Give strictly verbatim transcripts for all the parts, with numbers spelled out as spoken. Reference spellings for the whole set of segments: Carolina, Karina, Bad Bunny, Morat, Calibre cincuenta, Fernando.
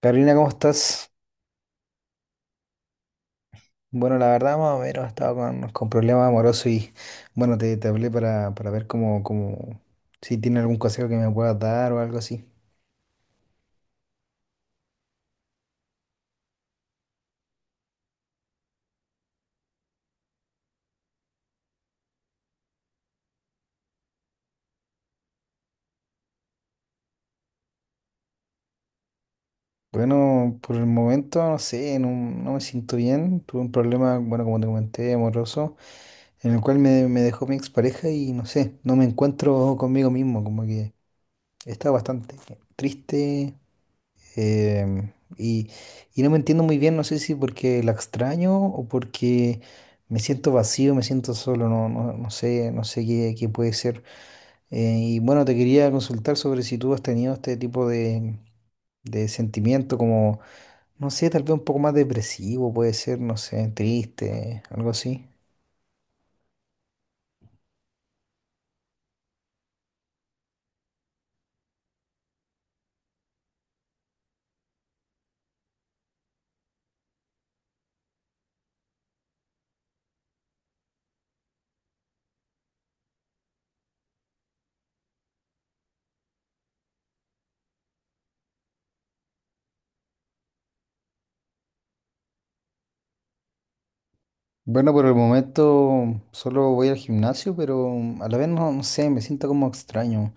Carolina, ¿cómo estás? Bueno, la verdad, más o menos, estaba con, con problemas amorosos y bueno, te, te hablé para, para ver cómo, cómo, si tiene algún consejo que me puedas dar o algo así. Bueno, por el momento, no sé, no, no me siento bien. Tuve un problema, bueno, como te comenté, amoroso, en el cual me, me dejó mi expareja y no sé, no me encuentro conmigo mismo, como que estaba bastante triste. Em, y, y no me entiendo muy bien, no sé si porque la extraño o porque me siento vacío, me siento solo, no, no, no sé, no sé qué, qué puede ser. Eh, y bueno, te quería consultar sobre si tú has tenido este tipo de, de sentimiento como, no sé, tal vez un poco más depresivo, puede ser, no sé, triste, algo así. Bueno, por el momento solo voy al gimnasio, pero a la vez no, no sé, me siento como extraño.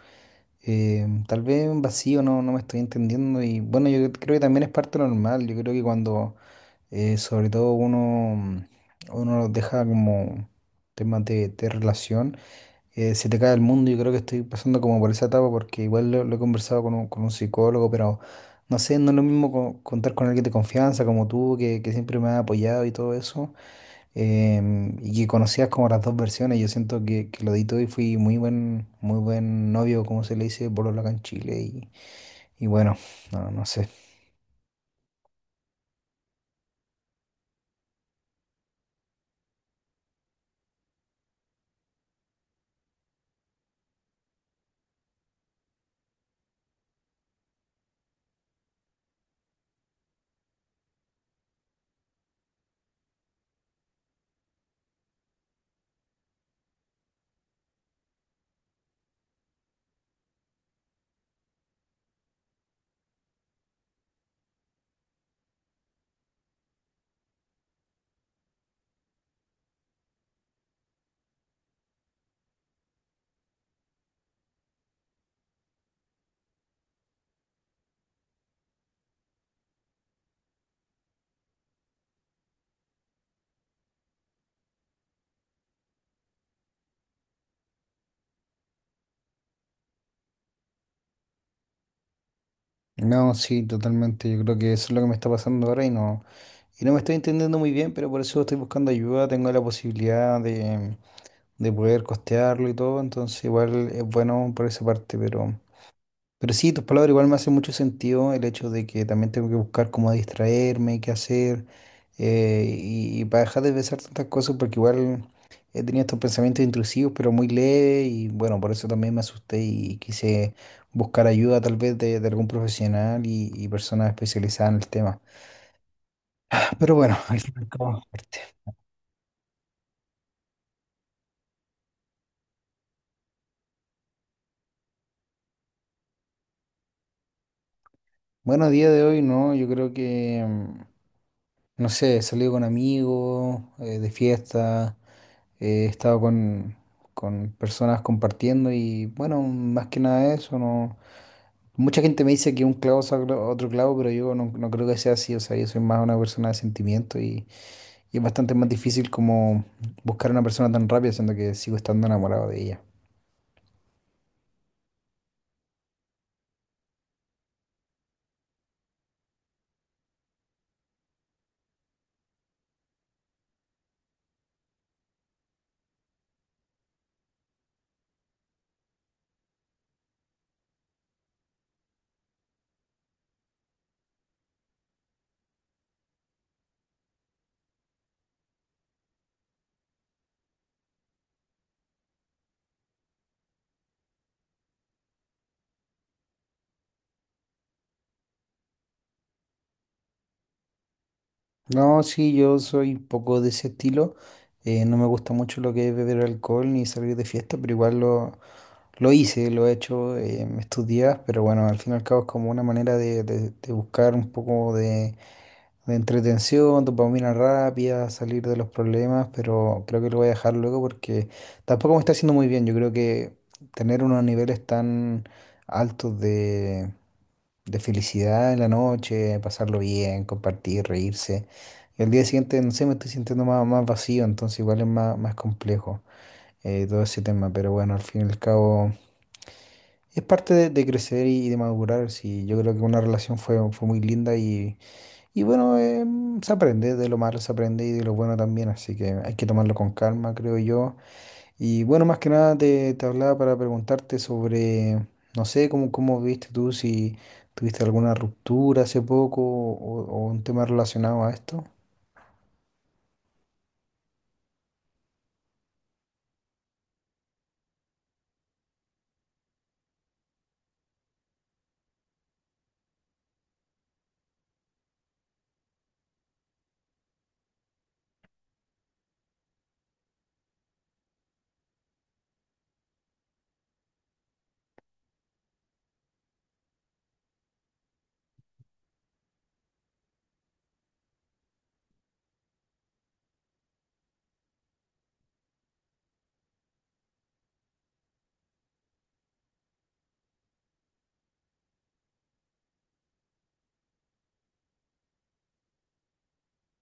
Eh, tal vez un vacío, no, no me estoy entendiendo y bueno, yo creo que también es parte normal, yo creo que cuando eh, sobre todo uno, uno deja como temas de, de relación. Eh, se te cae el mundo, yo creo que estoy pasando como por esa etapa porque igual lo, lo he conversado con un, con un psicólogo, pero no sé, no es lo mismo co- contar con alguien de confianza como tú, que, que siempre me ha apoyado y todo eso, em, y que conocías como las dos versiones. Yo siento que, que lo di todo y fui muy buen, muy buen novio, como se le dice, polola acá en Chile. Y, y bueno, no, no sé. No, sí, totalmente. Yo creo que eso es lo que me está pasando ahora y no, y no me estoy entendiendo muy bien, pero por eso estoy buscando ayuda. Tengo la posibilidad de, de poder costearlo y todo, entonces igual es bueno por esa parte, pero. Pero sí, tus palabras igual me hacen mucho sentido el hecho de que también tengo que buscar cómo distraerme, qué hacer, eh, y, y para dejar de pensar tantas cosas, porque igual he tenido estos pensamientos intrusivos, pero muy leves, y bueno, por eso también me asusté y quise buscar ayuda tal vez de, de algún profesional y, y personas especializadas en el tema. Pero bueno, al fin y al cabo, suerte. Bueno, a día de hoy no, yo creo que, mm, no sé, he salido con amigos, eh, de fiesta. He estado con, con personas compartiendo y bueno, más que nada eso, no. Mucha gente me dice que un clavo saca otro clavo, pero yo no, no creo que sea así. O sea, yo soy más una persona de sentimiento y, y es bastante más difícil como buscar a una persona tan rápida, siendo que sigo estando enamorado de ella. No, sí, yo soy un poco de ese estilo. Eh, no me gusta mucho lo que es beber alcohol ni salir de fiesta, pero igual lo, lo hice, lo he hecho, eh, estos días, pero bueno, al fin y al cabo es como una manera de de- de buscar un poco de de entretención, dopamina rápida, salir de los problemas, pero creo que lo voy a dejar luego porque tampoco me está haciendo muy bien. Yo creo que tener unos niveles tan altos de, de felicidad en la noche, pasarlo bien, compartir, reírse. Y al día siguiente, no sé, me estoy sintiendo más, más vacío, entonces igual es más, más complejo. Eh, todo ese tema, pero bueno, al fin y al cabo es parte de, de crecer y, de madurar. Sí, yo creo que una relación fue, fue muy linda y bueno, eh, se aprende, de lo malo se aprende y de lo bueno también, así que hay que tomarlo con calma, creo yo. Y bueno, más que nada te, te hablaba para preguntarte sobre, no sé, cómo, cómo viste tú, si tuviste alguna ruptura hace poco o, o un tema relacionado a esto.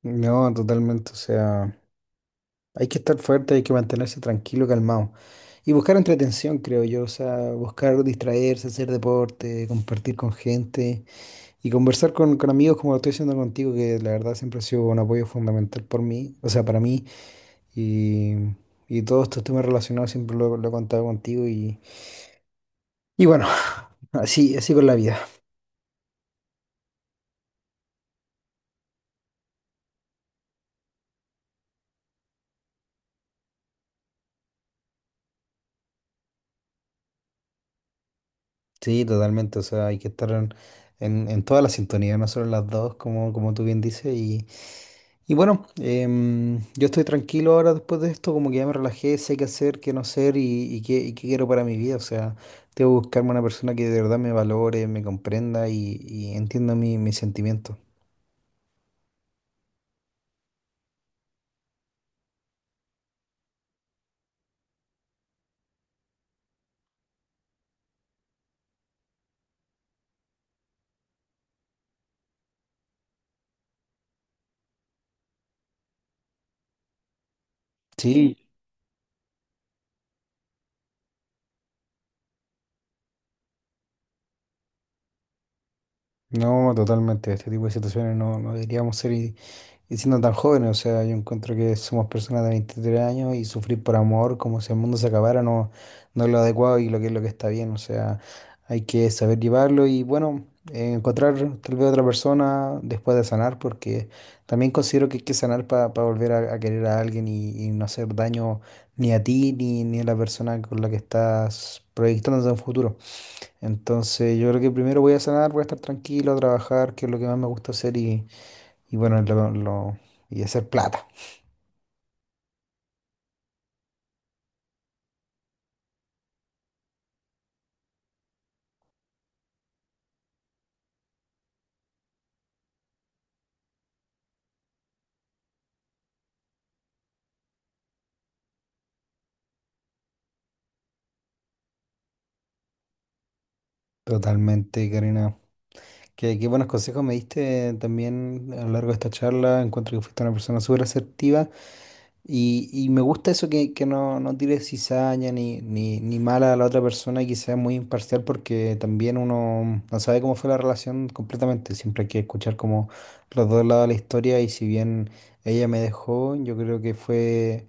No, totalmente, o sea, hay que estar fuerte, hay que mantenerse tranquilo, calmado. Y buscar entretención, creo yo, o sea, buscar distraerse, hacer deporte, compartir con gente. Y conversar con, con amigos como lo estoy haciendo contigo, que la verdad siempre ha sido un apoyo fundamental por mí, o sea, para mí. Y, y todos estos temas relacionados siempre lo, lo he contado contigo. Y, y bueno, así, así con la vida. Sí, totalmente. O sea, hay que estar en, en, en toda la sintonía, no solo en las dos, como, como tú bien dices. Y, y bueno, em, yo estoy tranquilo ahora después de esto, como que ya me relajé, sé qué hacer, qué no hacer y, y qué, y qué quiero para mi vida. O sea, tengo que buscarme una persona que de verdad me valore, me comprenda y, y entienda mi- mis sentimientos. Sí, no, totalmente. Este tipo de situaciones no, no deberíamos ser. Y siendo tan jóvenes, o sea, yo encuentro que somos personas de veintitrés años y sufrir por amor como si el mundo se acabara no, no es lo adecuado y lo que es lo que está bien, o sea, hay que saber llevarlo y bueno, eh, encontrar tal vez otra persona después de sanar, porque también considero que hay que sanar para volver a, a querer a alguien y, y no hacer daño ni a ti ni, ni a la persona con la que estás proyectándote en un futuro. Entonces, yo creo que primero voy a sanar, voy a estar tranquilo, a trabajar, que es lo que más me gusta hacer y y bueno, lo, lo- y hacer plata. Totalmente, Karina. Qué, qué buenos consejos me diste también a lo largo de esta charla. Encuentro que fuiste una persona súper asertiva y, y me gusta eso que, que no, no tires cizaña ni, ni, ni mala a la otra persona y que sea muy imparcial porque también uno no sabe cómo fue la relación completamente. Siempre hay que escuchar como los dos lados de la historia y si bien ella me dejó, yo creo que fue...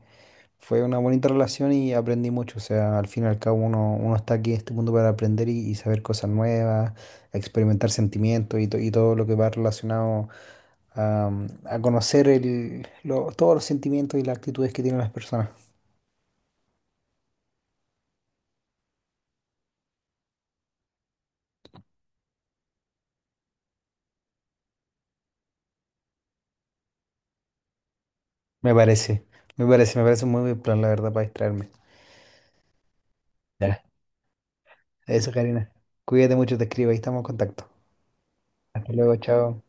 Fue una bonita relación y aprendí mucho. O sea, al fin y al cabo uno, uno está aquí en este mundo para aprender y, y saber cosas nuevas, experimentar sentimientos y, to- y todo lo que va relacionado a, a conocer el, lo- todos los sentimientos y las actitudes que tienen las personas. Me parece, me parece, me parece un muy buen plan, la verdad, para distraerme. Ya, eso, Karina. Cuídate mucho, te escribo, ahí estamos en contacto. Hasta luego, chao.